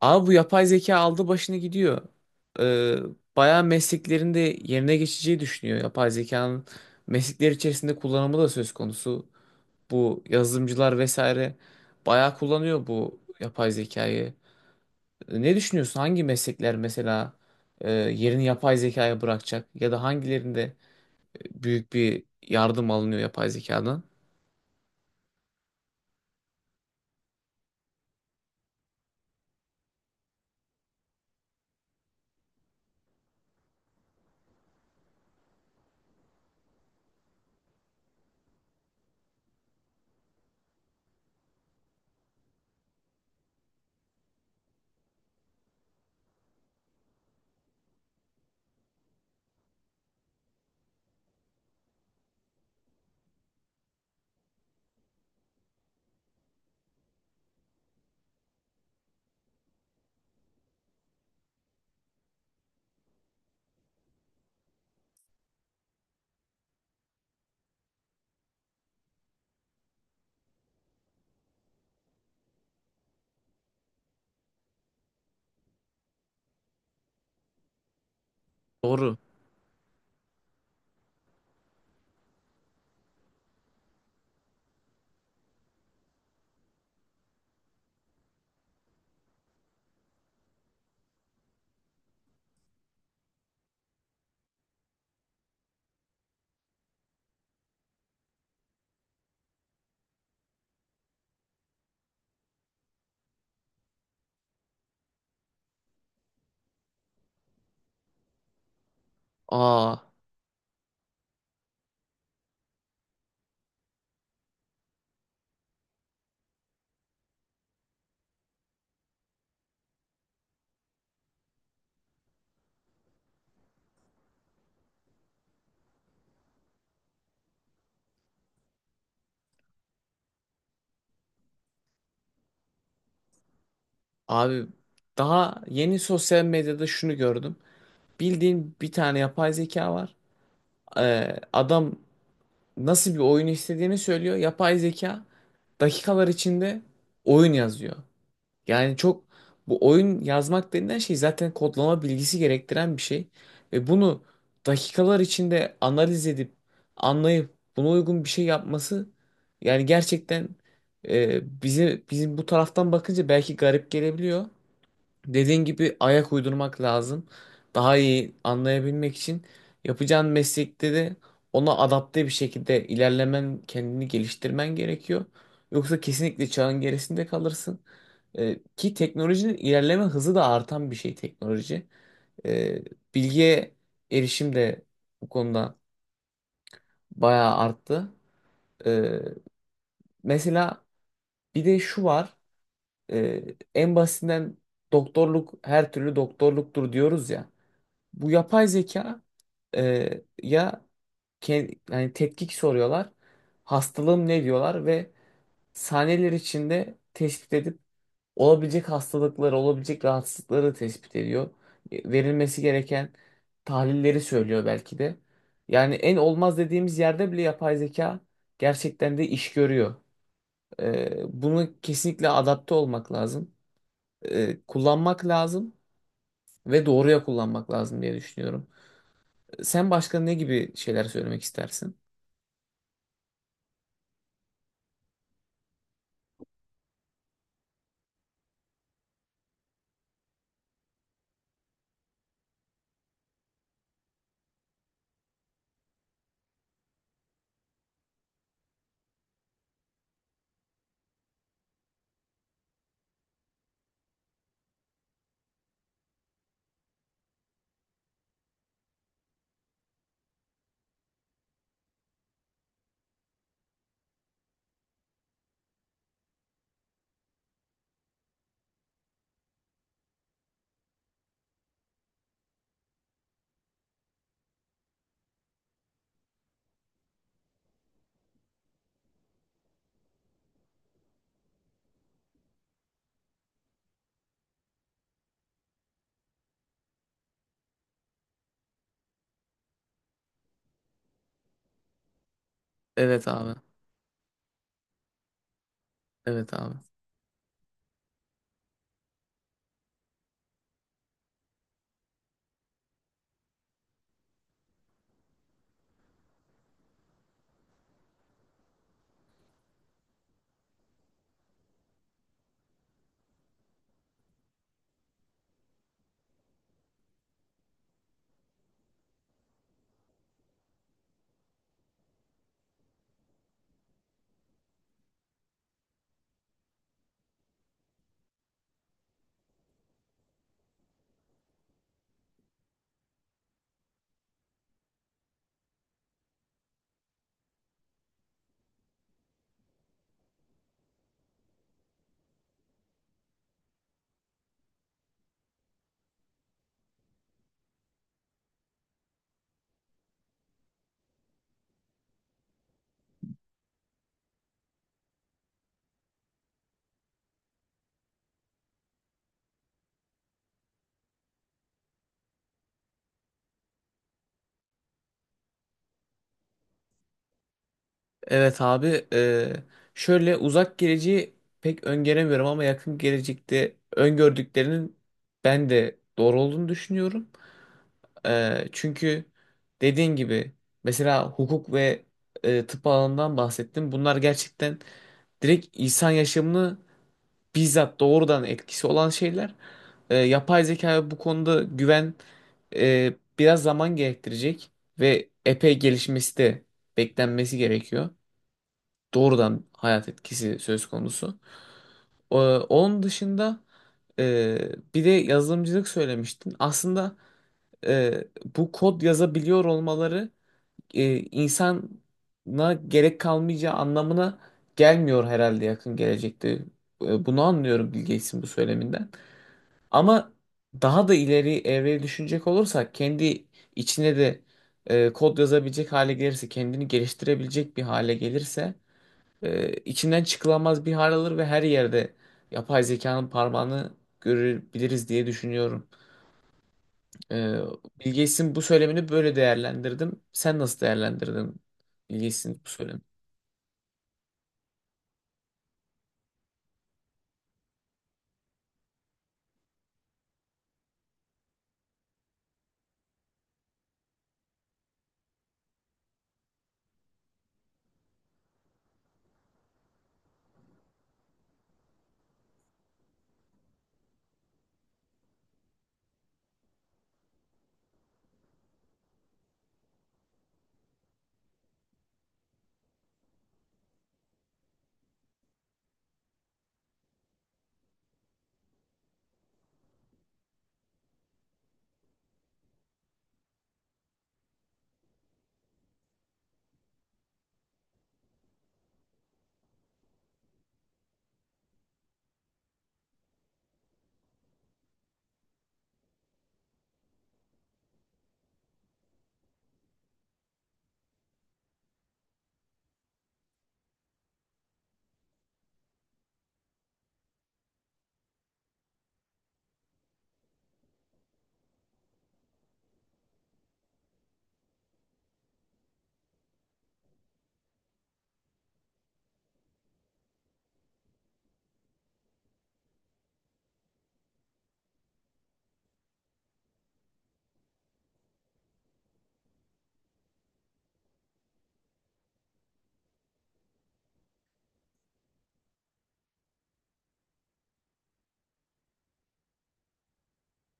Abi bu yapay zeka aldı başını gidiyor. Ee, Bayağı mesleklerin de yerine geçeceği düşünüyor. Yapay zekanın meslekler içerisinde kullanımı da söz konusu. Bu yazılımcılar vesaire bayağı kullanıyor bu yapay zekayı. Ne düşünüyorsun? Hangi meslekler mesela yerini yapay zekaya bırakacak? Ya da hangilerinde büyük bir yardım alınıyor yapay zekadan? Doğru. Aa, Abi daha yeni sosyal medyada şunu gördüm. Bildiğin bir tane yapay zeka var. Adam nasıl bir oyun istediğini söylüyor. Yapay zeka dakikalar içinde oyun yazıyor. Yani çok, bu oyun yazmak denilen şey zaten kodlama bilgisi gerektiren bir şey. Ve bunu dakikalar içinde analiz edip anlayıp buna uygun bir şey yapması, yani gerçekten bize, bizim taraftan bakınca belki garip gelebiliyor. Dediğin gibi ayak uydurmak lazım. Daha iyi anlayabilmek için yapacağın meslekte de ona adapte bir şekilde ilerlemen, kendini geliştirmen gerekiyor. Yoksa kesinlikle çağın gerisinde kalırsın. Ki teknolojinin ilerleme hızı da artan bir şey teknoloji. Ee, Bilgiye erişim de bu konuda bayağı arttı. Ee, Mesela, bir de şu var. Ee, En basitinden doktorluk, her türlü doktorluktur diyoruz ya. Bu yapay zeka, ya yani tetkik soruyorlar. Hastalığım ne diyorlar ve saniyeler içinde tespit edip olabilecek hastalıkları, olabilecek rahatsızlıkları tespit ediyor. Verilmesi gereken tahlilleri söylüyor belki de. Yani en olmaz dediğimiz yerde bile yapay zeka gerçekten de iş görüyor. Bunu kesinlikle adapte olmak lazım. Kullanmak lazım ve doğruya kullanmak lazım diye düşünüyorum. Sen başka ne gibi şeyler söylemek istersin? Evet abi. Evet abi. Evet abi. Şöyle, uzak geleceği pek öngöremiyorum ama yakın gelecekte öngördüklerinin ben de doğru olduğunu düşünüyorum. Çünkü dediğin gibi, mesela hukuk ve tıp alanından bahsettim. Bunlar gerçekten direkt insan yaşamını bizzat doğrudan etkisi olan şeyler. Yapay zeka bu konuda güven, biraz zaman gerektirecek ve epey gelişmesi de beklenmesi gerekiyor. Doğrudan hayat etkisi söz konusu. Onun dışında, e, bir de yazılımcılık söylemiştin. Aslında, e, bu kod yazabiliyor olmaları insana gerek kalmayacağı anlamına gelmiyor herhalde yakın gelecekte. Bunu anlıyorum Bill Gates'in bu söyleminden. Ama daha da ileri evreye düşünecek olursak, kendi içine de kod yazabilecek hale gelirse, kendini geliştirebilecek bir hale gelirse içinden çıkılamaz bir hal alır ve her yerde yapay zekanın parmağını görebiliriz diye düşünüyorum. E, Bill Gates'in bu söylemini böyle değerlendirdim. Sen nasıl değerlendirdin Bill Gates'in bu söylemini?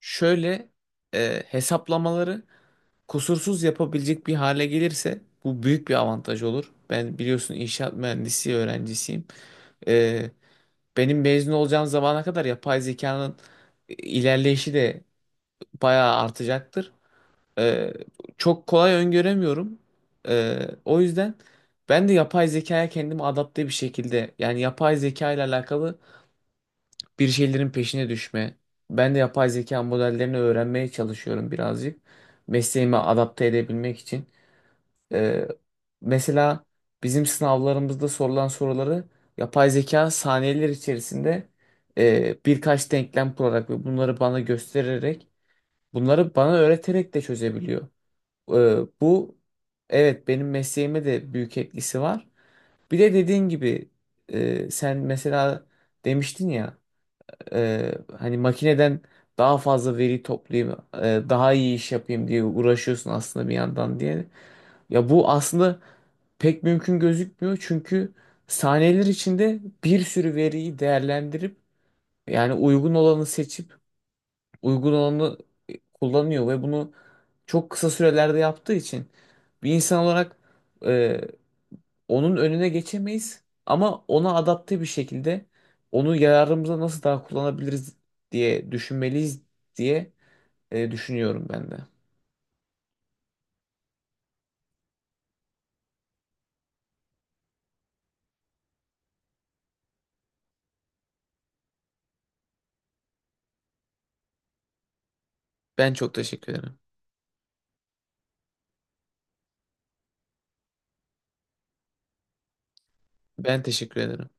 Şöyle, hesaplamaları kusursuz yapabilecek bir hale gelirse bu büyük bir avantaj olur. Ben biliyorsun inşaat mühendisi öğrencisiyim. Ee, Benim mezun olacağım zamana kadar yapay zekanın ilerleyişi de bayağı artacaktır. Ee, Çok kolay öngöremiyorum. O yüzden ben de yapay zekaya kendimi adapte bir şekilde, yani yapay zeka ile alakalı bir şeylerin peşine düşme. Ben de yapay zeka modellerini öğrenmeye çalışıyorum birazcık. Mesleğime adapte edebilmek için. Ee, Mesela bizim sınavlarımızda sorulan soruları yapay zeka saniyeler içerisinde birkaç denklem kurarak ve bunları bana göstererek, bunları bana öğreterek de çözebiliyor. Ee, Bu, evet, benim mesleğime de büyük etkisi var. Bir de dediğin gibi, sen mesela demiştin ya, e, hani makineden daha fazla veri toplayayım, daha iyi iş yapayım diye uğraşıyorsun aslında bir yandan diye. Ya bu aslında pek mümkün gözükmüyor çünkü saniyeler içinde bir sürü veriyi değerlendirip, yani uygun olanı seçip, uygun olanı kullanıyor ve bunu çok kısa sürelerde yaptığı için bir insan olarak e, onun önüne geçemeyiz, ama ona adapte bir şekilde onu yararımıza nasıl daha kullanabiliriz diye düşünmeliyiz diye düşünüyorum ben de. Ben çok teşekkür ederim. Ben teşekkür ederim.